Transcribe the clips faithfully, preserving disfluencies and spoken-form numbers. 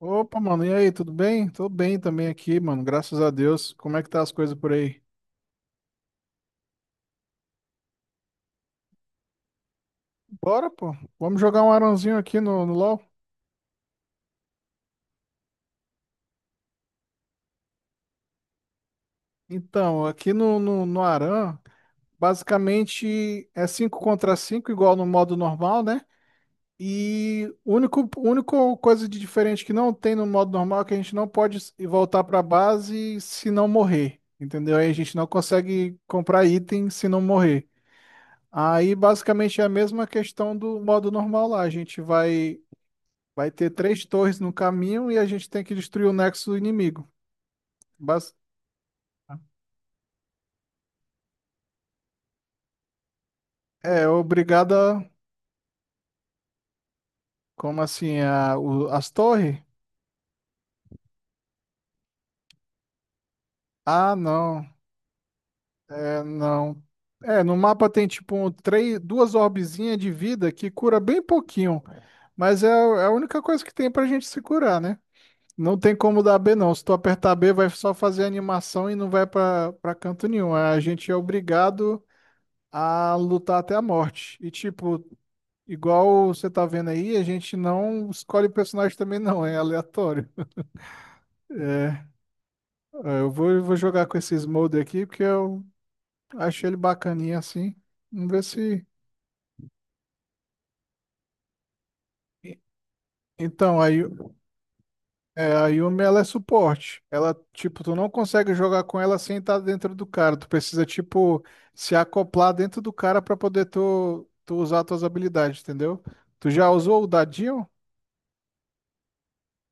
Opa, mano, e aí, tudo bem? Tô bem também aqui, mano, graças a Deus. Como é que tá as coisas por aí? Bora, pô. Vamos jogar um arãozinho aqui no, no LoL? Então, aqui no, no, no Arã, basicamente é cinco contra cinco, igual no modo normal, né? E único, único coisa de diferente que não tem no modo normal é que a gente não pode s- ir voltar pra base se não morrer, entendeu? Aí a gente não consegue comprar item se não morrer. Aí basicamente é a mesma questão do modo normal lá. A gente vai Vai ter três torres no caminho e a gente tem que destruir o nexo inimigo. Bas- É obrigada, como assim, a, o- as torres? Ah, não, é, não. É, no mapa tem tipo um, três, duas orbezinhas de vida que cura bem pouquinho, mas é, a é a única coisa que tem pra gente se curar, né? Não tem como dar B não. Se tu apertar B, vai só fazer animação e não vai pra, pra canto nenhum. A gente é obrigado a lutar até a morte. E tipo, igual você tá vendo aí, a gente não escolhe o personagem também não, é aleatório. É, Eu vou, eu vou jogar com esses moldes aqui porque eu achei ele bacaninha assim. Vamos ver se. Então, a, Yu- é, a Yumi ela é suporte. Ela, tipo, tu não consegue jogar com ela sem estar dentro do cara. Tu precisa, tipo, se acoplar dentro do cara pra poder tu, tu usar tuas habilidades, entendeu? Tu já usou o dadinho?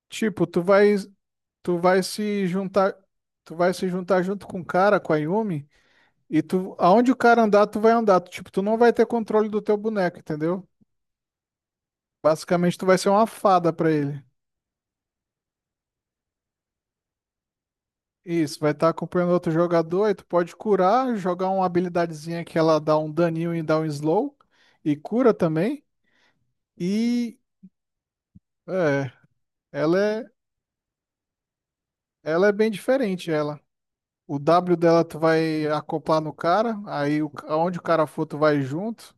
Tipo, tu vai, tu vai se juntar, tu vai se juntar junto com o cara, com a Yumi. E tu, aonde o cara andar, tu vai andar. Tu, tipo, tu não vai ter controle do teu boneco, entendeu? Basicamente, tu vai ser uma fada pra ele. Isso, vai estar acompanhando outro jogador, e tu pode curar, jogar uma habilidadezinha que ela dá um daninho e dá um slow, e cura também. E é, ela é, ela é bem diferente, ela. O W dela tu vai acoplar no cara, aí o, aonde o cara for, tu vai junto.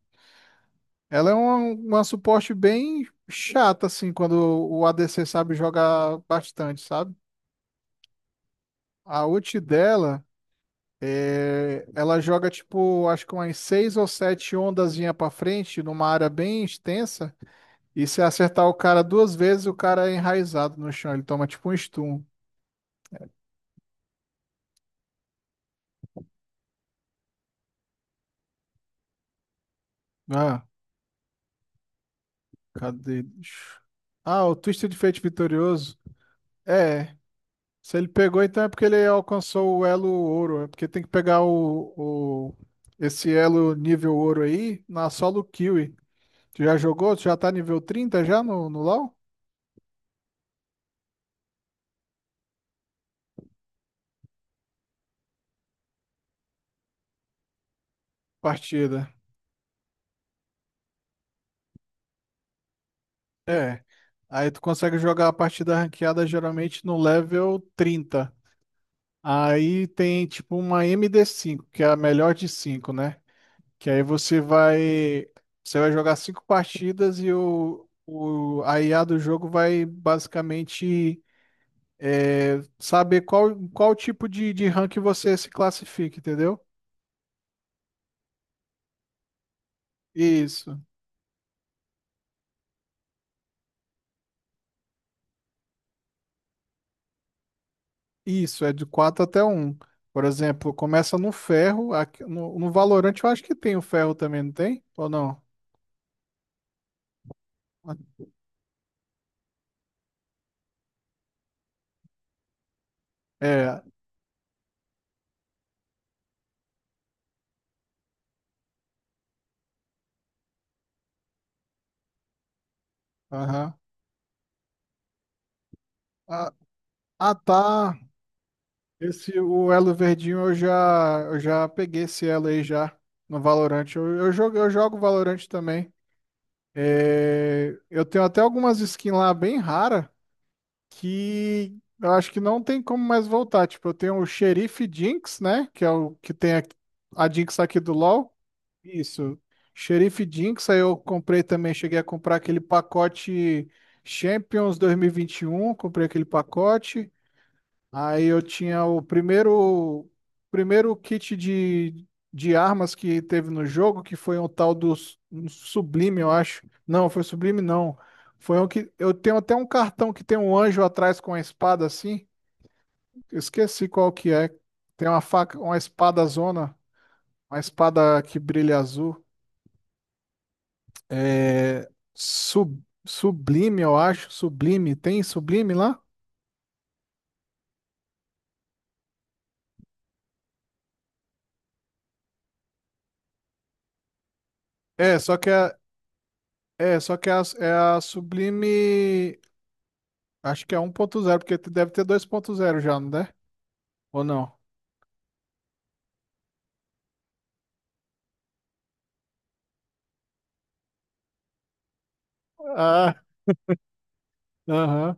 Ela é uma, uma suporte bem chata, assim, quando o A D C sabe jogar bastante, sabe? A ult dela, é, ela joga tipo, acho que umas seis ou sete ondazinha pra frente, numa área bem extensa. E se acertar o cara duas vezes, o cara é enraizado no chão. Ele toma tipo um stun. Ah, cadê? Deixa- Ah, o Twisted Fate vitorioso. É. Se ele pegou, então é porque ele alcançou o elo ouro. É porque tem que pegar o, o- esse elo nível ouro aí na solo kill. Tu já jogou? Tu já tá nível trinta já no, no LoL? Partida. É. Aí tu consegue jogar a partida ranqueada geralmente no level trinta. Aí tem tipo uma md cinco, que é a melhor de cinco, né? Que aí você vai você vai jogar cinco partidas e o, o a I A do jogo vai basicamente é, saber qual, qual tipo de, de rank você se classifica, entendeu? Isso. Isso, é de quatro até um. Por exemplo, começa no ferro, aqui- no, no Valorant eu acho que tem o ferro também, não tem? Ou não? É, aham. Ah, ah, tá. Esse, o elo verdinho eu já, eu já peguei esse elo aí já no Valorant. Eu, eu jogo, eu jogo Valorant também. É, eu tenho até algumas skins lá bem rara que eu acho que não tem como mais voltar. Tipo, eu tenho o Xerife Jinx, né? Que é o que tem a, a Jinx aqui do LoL. Isso. Xerife Jinx, aí eu comprei também, cheguei a comprar aquele pacote Champions dois mil e e vinte e um. Comprei aquele pacote. Aí eu tinha o primeiro primeiro kit de, de armas que teve no jogo, que foi um tal do S- um Sublime, eu acho. Não, foi Sublime não. Foi um que eu tenho até um cartão que tem um anjo atrás com a espada assim. Eu esqueci qual que é. Tem uma faca, uma espada zona, uma espada que brilha azul. É, sub- Sublime, eu acho. Sublime, tem Sublime lá? É, só que é, é, só que é a, É a Sublime. Acho que é um ponto zero porque deve ter dois ponto zero já, não é? Ou não? Ah, aham.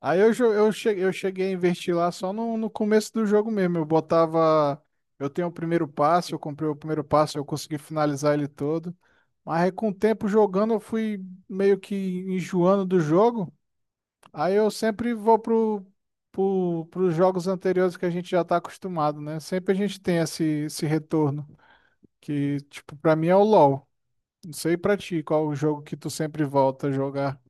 Aí eu, jo- eu, cheguei eu cheguei a investir lá só no, no começo do jogo mesmo. Eu botava. Eu tenho o primeiro passo, eu comprei o primeiro passo, eu consegui finalizar ele todo. Mas aí, com o tempo jogando, eu fui meio que enjoando do jogo. Aí eu sempre vou pro, pro, pros jogos anteriores que a gente já tá acostumado, né? Sempre a gente tem esse, esse retorno, que, tipo, pra mim é o LoL. Não sei pra ti qual o jogo que tu sempre volta a jogar.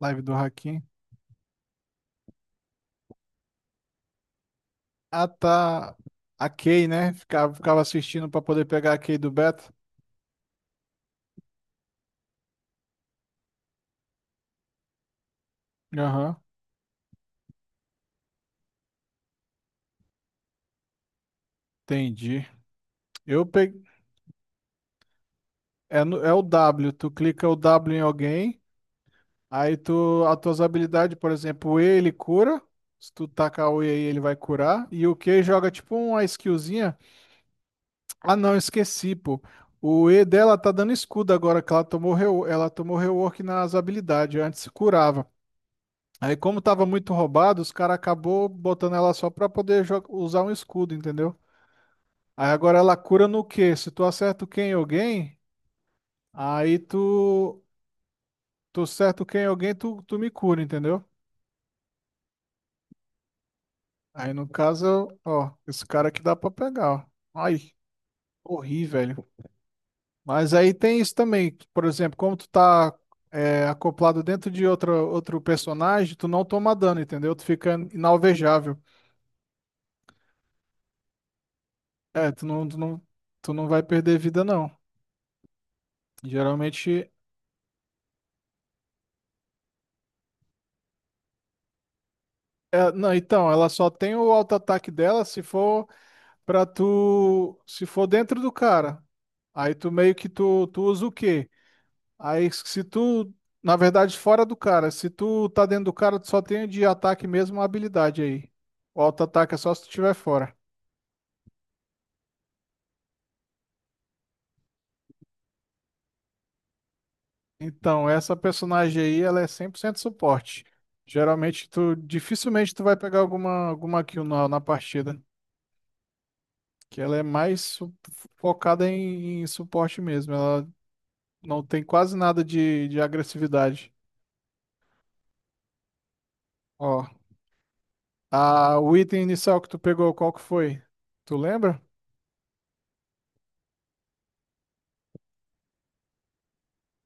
Live do Hakim. Ah, tá. A Kay, né? Ficava, ficava assistindo pra poder pegar a Kay do beta. Aham, entendi. Eu peguei. É, no- é o W, tu clica o W em alguém. Aí tu, as tuas habilidades, por exemplo, o E ele cura. Se tu tacar o E aí, ele vai curar. E o Q joga tipo uma skillzinha. Ah, não, esqueci, pô. O E dela tá dando escudo agora, que ela tomou, reo- ela tomou rework nas habilidades. Antes curava. Aí, como tava muito roubado, os caras acabou botando ela só pra poder jo- usar um escudo, entendeu? Aí agora ela cura no Q. Se tu acerta o Q em alguém, aí tu. Tu acerta o Q em alguém, tu, tu me cura, entendeu? Aí no caso, eu- ó, esse cara aqui dá pra pegar, ó. Ai, corri, velho. Mas aí tem isso também, que, por exemplo, como tu tá é, acoplado dentro de outro, outro personagem, tu não toma dano, entendeu? Tu fica inalvejável. É, tu não, tu não, tu não vai perder vida, não. Geralmente, é, não, então, ela só tem o auto-ataque dela se for pra tu, se for dentro do cara. Aí tu meio que tu, tu usa o quê? Aí, se tu, na verdade, fora do cara, se tu tá dentro do cara, tu só tem de ataque mesmo a habilidade aí. O auto-ataque é só se tu tiver fora. Então, essa personagem aí, ela é cem por cento suporte. Geralmente, tu dificilmente tu vai pegar alguma, alguma kill na, na partida, que ela é mais su- focada em, em suporte mesmo. Ela não tem quase nada de, de agressividade. Ó, a, o item inicial que tu pegou, qual que foi? Tu lembra?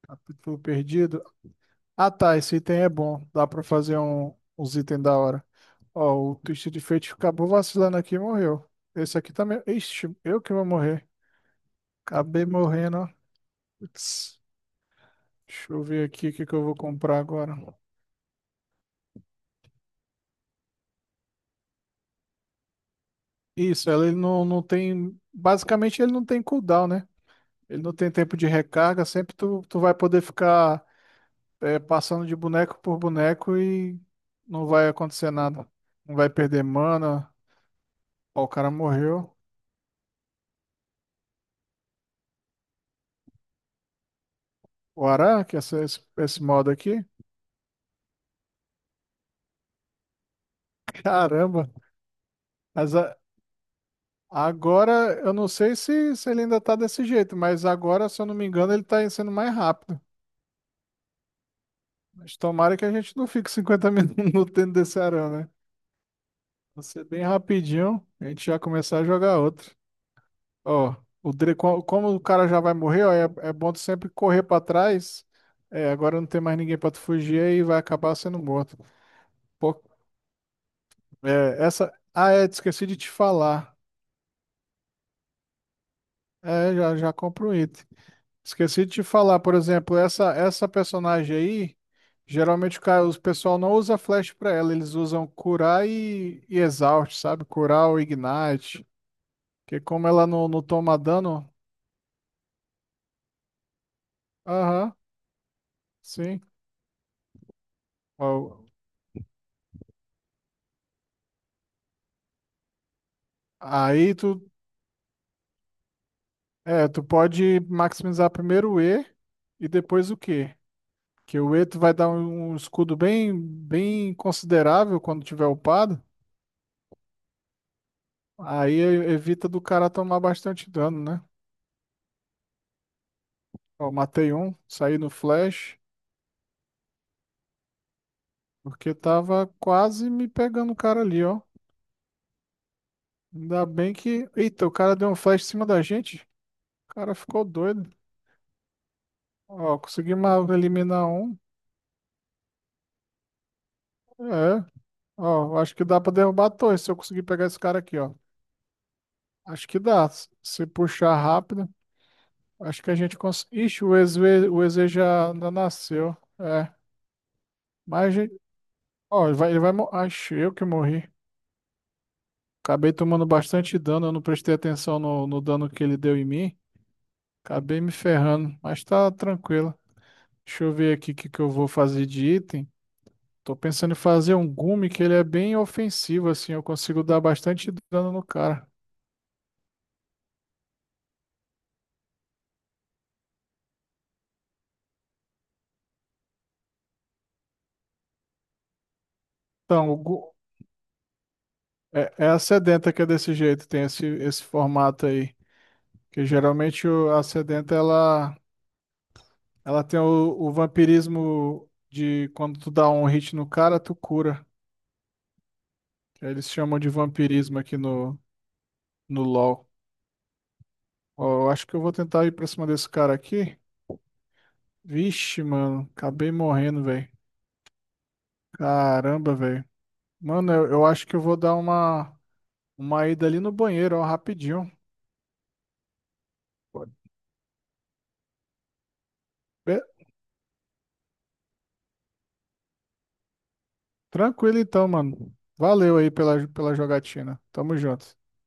A- Tu perdido? Ah, tá, esse item é bom. Dá pra fazer um, uns itens da hora. Ó, o Twisted Fate acabou vacilando aqui e morreu. Esse aqui também. Ixi, eu que vou morrer. Acabei morrendo, ó. Putz, deixa eu ver aqui o que que eu vou comprar agora. Isso, ela- ele não, não tem. Basicamente, ele não tem cooldown, né? Ele não tem tempo de recarga. Sempre tu, tu vai poder ficar é, passando de boneco por boneco e não vai acontecer nada. Não vai perder mana. Ó, o cara morreu. O Araque, essa, esse, esse modo aqui? Caramba! Mas a- agora, eu não sei se, se ele ainda tá desse jeito, mas agora, se eu não me engano, ele tá sendo mais rápido. Mas tomara que a gente não fique cinquenta minutos dentro desse arame, né? Vai ser bem rapidinho, a gente já começar a jogar outro. Ó, o Dre, co- como o cara já vai morrer, ó, é, é bom tu sempre correr pra trás. É, agora não tem mais ninguém pra tu fugir e vai acabar sendo morto. Pô, é, essa. Ah, é, esqueci de te falar. É, já, já compro um item. Esqueci de te falar, por exemplo, essa essa personagem aí, geralmente o cara- os pessoal não usa flash pra ela, eles usam curar e, e exaust, sabe? Curar ou ignite, porque como ela não, não toma dano, aham, sim. Ó, aí tu é, tu pode maximizar primeiro o E e depois o Q, que o E tu vai dar um um escudo bem bem considerável quando tiver upado, aí evita do cara tomar bastante dano, né? Ó, matei um, saí no flash, porque tava quase me pegando o cara ali, ó. Ainda bem que. Eita, o cara deu um flash em cima da gente. O cara ficou doido. Ó, consegui ma- eliminar um. É. Ó, acho que dá pra derrubar a torre se eu conseguir pegar esse cara aqui, ó. Acho que dá. s- Se puxar rápido, acho que a gente consegue. Ixi, o E Z, o E Z já ainda nasceu. É. Mas, a gente- ó, ele vai, ele vai. mo- Acho eu que morri. Acabei tomando bastante dano, eu não prestei atenção no, no dano que ele deu em mim. Acabei me ferrando, mas tá tranquilo. Deixa eu ver aqui o que que eu vou fazer de item. Tô pensando em fazer um gume que ele é bem ofensivo, assim, eu consigo dar bastante dano no cara. Então, o gu... é, é a sedenta que é desse jeito, tem esse, esse formato aí. Que geralmente o, a sedenta, ela, ela tem o, o vampirismo de quando tu dá um hit no cara, tu cura. Que eles chamam de vampirismo aqui no, no LoL. Ó, eu acho que eu vou tentar ir pra cima desse cara aqui. Vixe, mano, acabei morrendo, velho. Caramba, velho. Mano, eu, eu acho que eu vou dar uma, uma ida ali no banheiro, ó, rapidinho. Pode. Be- Tranquilo então, mano. Valeu aí pela, pela jogatina. Tamo junto.